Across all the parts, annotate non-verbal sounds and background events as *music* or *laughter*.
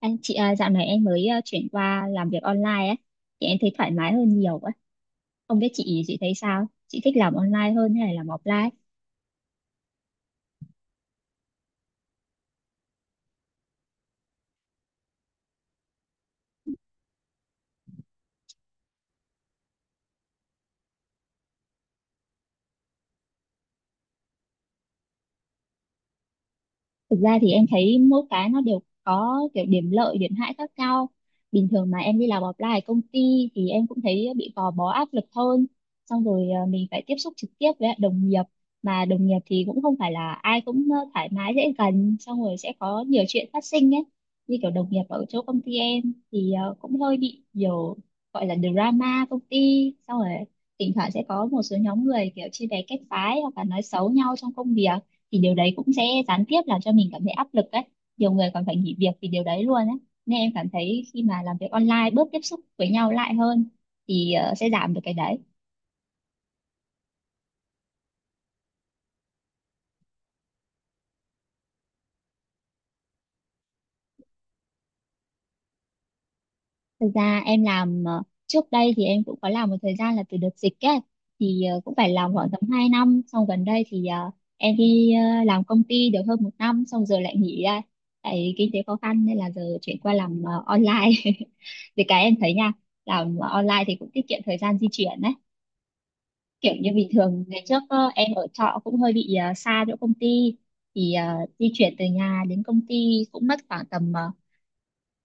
Anh chị à, dạo này em mới chuyển qua làm việc online ấy, thì em thấy thoải mái hơn nhiều ấy. Không biết chị thấy sao? Chị thích làm online hơn hay là làm offline? Thực ra thì em thấy mỗi cái nó đều có kiểu điểm lợi, điểm hại khác nhau. Bình thường mà em đi làm offline ở công ty thì em cũng thấy bị gò bó áp lực hơn. Xong rồi mình phải tiếp xúc trực tiếp với lại đồng nghiệp. Mà đồng nghiệp thì cũng không phải là ai cũng thoải mái dễ gần. Xong rồi sẽ có nhiều chuyện phát sinh ấy. Như kiểu đồng nghiệp ở chỗ công ty em thì cũng hơi bị nhiều gọi là drama công ty. Xong rồi thỉnh thoảng sẽ có một số nhóm người kiểu chia bè kết phái hoặc là nói xấu nhau trong công việc, thì điều đấy cũng sẽ gián tiếp làm cho mình cảm thấy áp lực đấy, nhiều người còn phải nghỉ việc vì điều đấy luôn ấy, nên em cảm thấy khi mà làm việc online bớt tiếp xúc với nhau lại hơn thì sẽ giảm được cái đấy. Thực ra em làm trước đây thì em cũng có làm một thời gian là từ đợt dịch ấy, thì cũng phải làm khoảng tầm 2 năm, xong gần đây thì em đi làm công ty được hơn một năm xong giờ lại nghỉ ra, tại kinh tế khó khăn nên là giờ chuyển qua làm online *laughs* vì cái em thấy nha, làm online thì cũng tiết kiệm thời gian di chuyển đấy, kiểu như bình thường ngày trước em ở trọ cũng hơi bị xa chỗ công ty thì di chuyển từ nhà đến công ty cũng mất khoảng tầm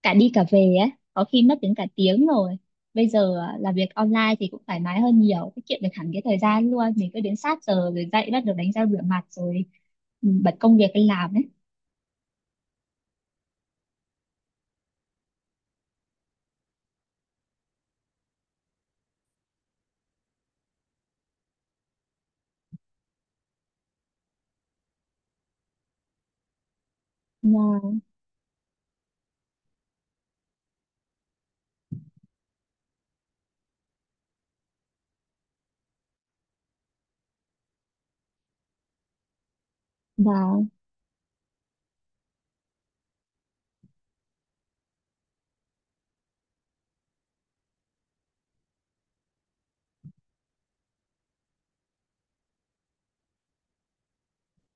cả đi cả về ấy có khi mất đến cả tiếng rồi, bây giờ làm việc online thì cũng thoải mái hơn nhiều, tiết kiệm được hẳn cái thời gian luôn, mình cứ đến sát giờ rồi dậy bắt đầu đánh răng rửa mặt rồi ừ, bật công việc lên làm ấy. Và và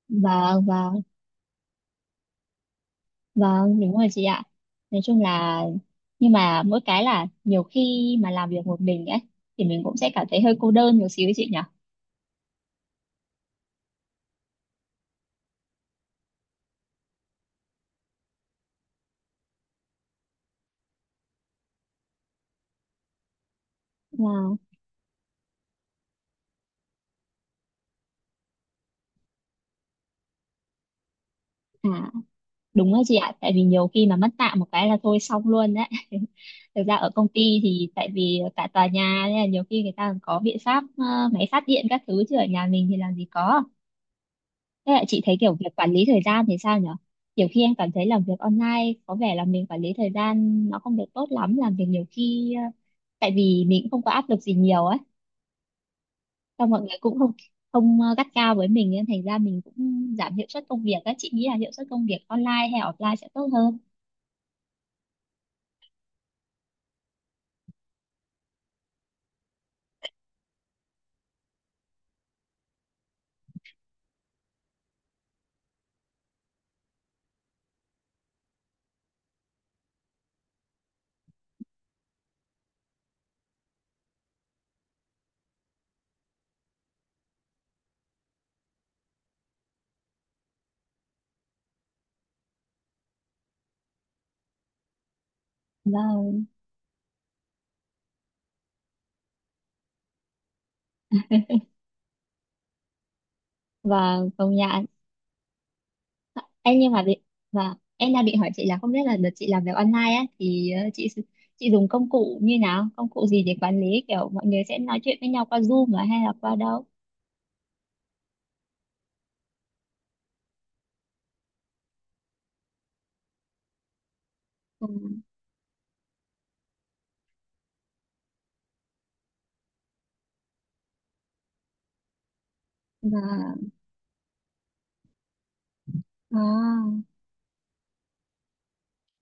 và Vâng, đúng rồi chị ạ. Nói chung là nhưng mà mỗi cái là nhiều khi mà làm việc một mình ấy thì mình cũng sẽ cảm thấy hơi cô đơn một xíu ấy chị nhỉ. Wow. À, đúng rồi chị ạ, tại vì nhiều khi mà mất tạm một cái là thôi xong luôn đấy. *laughs* Thực ra ở công ty thì tại vì cả tòa nhà nên là nhiều khi người ta còn có biện pháp máy phát điện các thứ, chứ ở nhà mình thì làm gì có. Thế là chị thấy kiểu việc quản lý thời gian thì sao nhỉ? Nhiều khi em cảm thấy làm việc online có vẻ là mình quản lý thời gian nó không được tốt lắm, làm việc nhiều khi tại vì mình cũng không có áp lực gì nhiều ấy, xong mọi người cũng không không gắt cao với mình nên thành ra mình cũng giảm hiệu suất công việc ấy, chị nghĩ là hiệu suất công việc online hay offline sẽ tốt hơn? Và và Công nhận em nhưng mà bị em đang định hỏi chị là không biết là đợt chị làm việc online á thì chị dùng công cụ như nào, công cụ gì để quản lý, kiểu mọi người sẽ nói chuyện với nhau qua Zoom à hay là qua đâu? Ừ. và à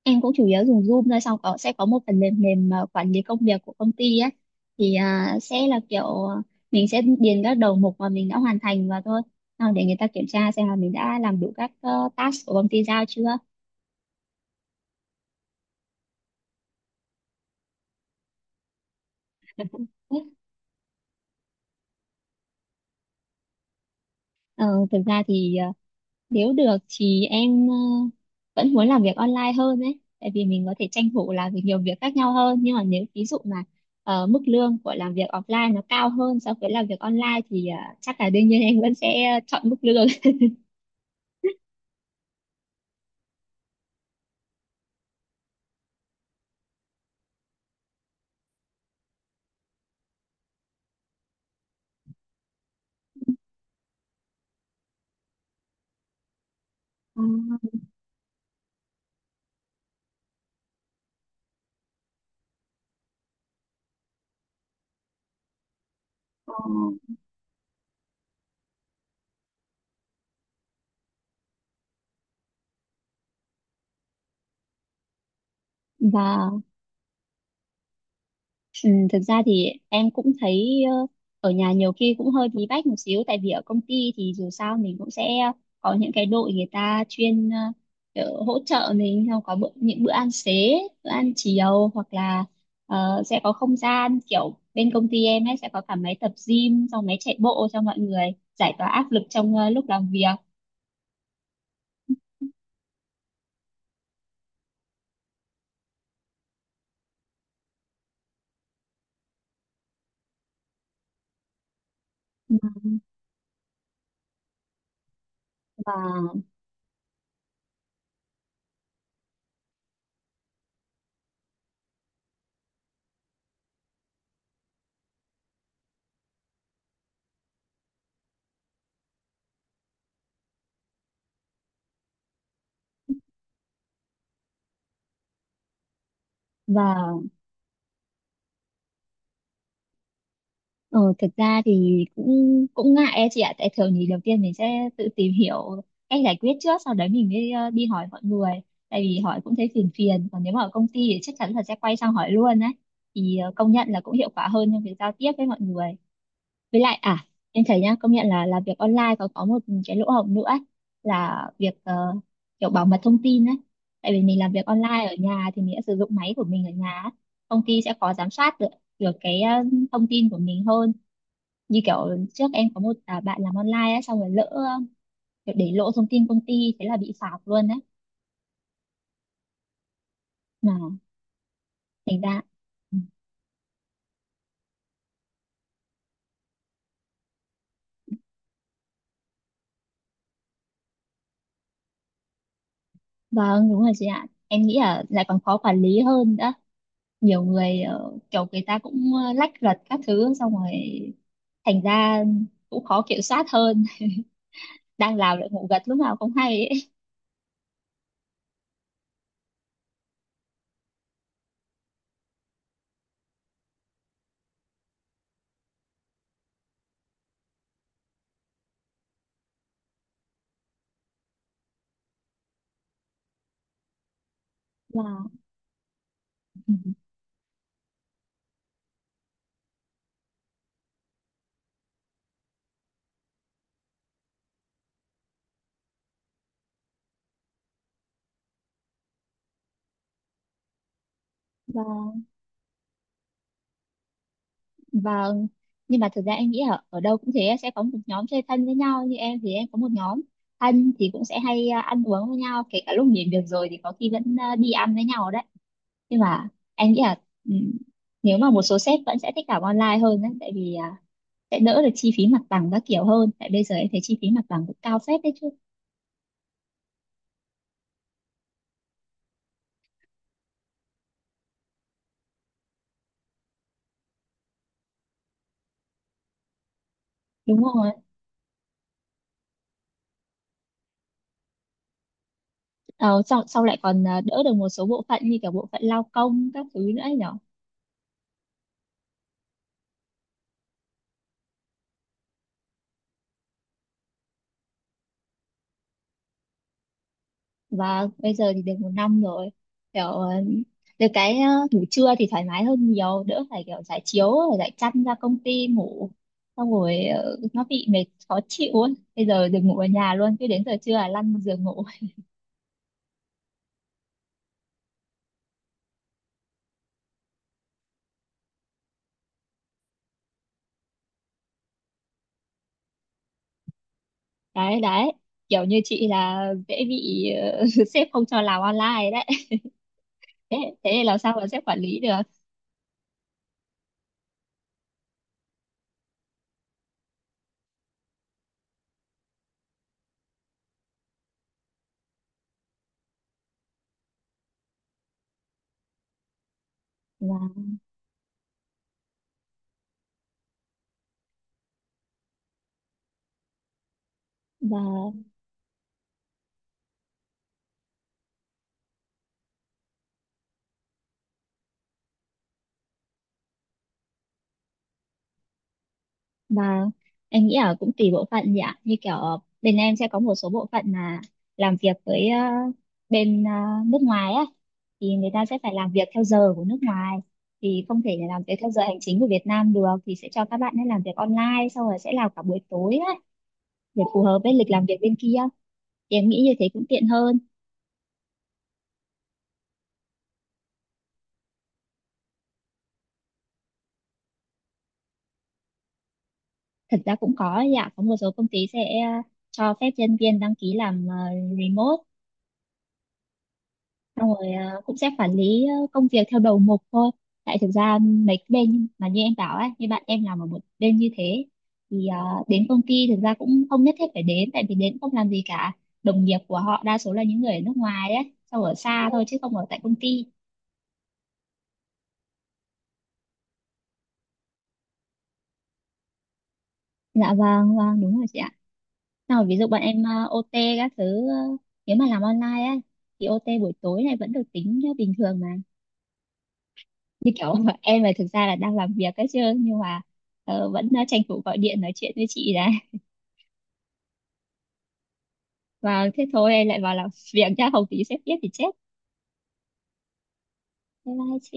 Em cũng chủ yếu dùng Zoom thôi, xong có sẽ có một phần mềm mềm quản lý công việc của công ty á, thì sẽ là kiểu à, mình sẽ điền các đầu mục mà mình đã hoàn thành vào thôi, xong để người ta kiểm tra xem là mình đã làm đủ các task của công ty giao chưa. Ờ, thực ra thì nếu được thì em vẫn muốn làm việc online hơn đấy, tại vì mình có thể tranh thủ làm việc nhiều việc khác nhau hơn, nhưng mà nếu ví dụ mà mức lương của làm việc offline nó cao hơn so với làm việc online thì chắc là đương nhiên em vẫn sẽ chọn mức lương. *laughs* Ờ, Và ừ, thực ra thì em cũng thấy ở nhà nhiều khi cũng hơi bí bách một xíu, tại vì ở công ty thì dù sao mình cũng sẽ có những cái đội người ta chuyên kiểu hỗ trợ mình, xong có bữa, những bữa ăn xế, bữa ăn chiều hoặc là sẽ có không gian kiểu bên công ty em ấy sẽ có cả máy tập gym xong máy chạy bộ cho mọi người giải tỏa áp lực trong lúc làm việc. Ừ, và và Ờ, thực ra thì cũng cũng ngại ấy chị ạ, tại thường thì đầu tiên mình sẽ tự tìm hiểu cách giải quyết trước, sau đấy mình mới đi hỏi mọi người, tại vì hỏi cũng thấy phiền phiền, còn nếu mà ở công ty thì chắc chắn là sẽ quay sang hỏi luôn đấy, thì công nhận là cũng hiệu quả hơn trong việc giao tiếp với mọi người. Với lại em thấy nhá công nhận là làm việc online còn có một cái lỗ hổng nữa ấy, là việc kiểu bảo mật thông tin ấy, tại vì mình làm việc online ở nhà thì mình sẽ sử dụng máy của mình ở nhà ấy. Công ty sẽ khó giám sát được được cái thông tin của mình hơn, như kiểu trước em có một bạn làm online á xong rồi lỡ kiểu để lộ thông tin công ty thế là bị phạt luôn đấy, mà thành ra Ừ, vâng đúng rồi chị ạ, em nghĩ là lại còn khó quản lý hơn đó, nhiều người kiểu người ta cũng lách luật các thứ xong rồi thành ra cũng khó kiểm soát hơn, đang làm lại ngủ gật lúc nào không hay ấy. Và ừ, và Vâng, nhưng mà thực ra em nghĩ ở đâu cũng thế, sẽ có một nhóm chơi thân với nhau, như em thì em có một nhóm thân thì cũng sẽ hay ăn uống với nhau, kể cả lúc nghỉ việc rồi thì có khi vẫn đi ăn với nhau đấy. Nhưng mà em nghĩ là ừm, nếu mà một số sếp vẫn sẽ thích làm online hơn đấy, tại vì sẽ đỡ được chi phí mặt bằng các kiểu hơn, tại bây giờ em thấy chi phí mặt bằng cũng cao phết đấy chứ. Đúng không? Ờ, Sau lại còn đỡ được một số bộ phận như cả bộ phận lao công các thứ nữa ấy nhỉ. Bây giờ thì được một năm rồi, kiểu được cái ngủ trưa thì thoải mái hơn nhiều, đỡ phải kiểu trải chiếu rồi lại chăn ra công ty ngủ, xong rồi nó bị mệt khó chịu ấy. Bây giờ được ngủ ở nhà luôn, cứ đến giờ trưa là lăn giường ngủ. *laughs* Đấy đấy, kiểu như chị là dễ bị ờ, *laughs* sếp không cho làm online đấy. *laughs* thế Thế thì làm sao mà sếp quản lý được? và và Và em nghĩ là cũng tùy bộ phận nhỉ. Như kiểu bên em sẽ có một số bộ phận là làm việc với bên nước ngoài á, thì người ta sẽ phải làm việc theo giờ của nước ngoài, thì không thể làm việc theo giờ hành chính của Việt Nam được, thì sẽ cho các bạn ấy làm việc online xong rồi sẽ làm cả buổi tối á để phù hợp với lịch làm việc bên kia, thì em nghĩ như thế cũng tiện hơn. Thật ra cũng có ấy ạ, có một số công ty sẽ cho phép nhân viên đăng ký làm remote, xong rồi cũng sẽ quản lý công việc theo đầu mục thôi, tại thực ra mấy cái bên mà như em bảo ấy, như bạn em làm ở một bên như thế thì đến công ty thực ra cũng không nhất thiết phải đến, tại vì đến không làm gì cả, đồng nghiệp của họ đa số là những người ở nước ngoài ấy, sau ở xa thôi chứ không ở tại công ty. Dạ vâng vâng đúng rồi chị ạ. Xong rồi ví dụ bọn em OT các thứ nếu mà làm online ấy thì OT buổi tối này vẫn được tính như bình thường mà. Như kiểu *laughs* em là thực ra là đang làm việc ấy chứ, nhưng mà vẫn tranh thủ gọi điện nói chuyện với chị đã. Thế thôi em lại vào làm việc nhá, không tí sếp biết thì chết. Bye bye chị.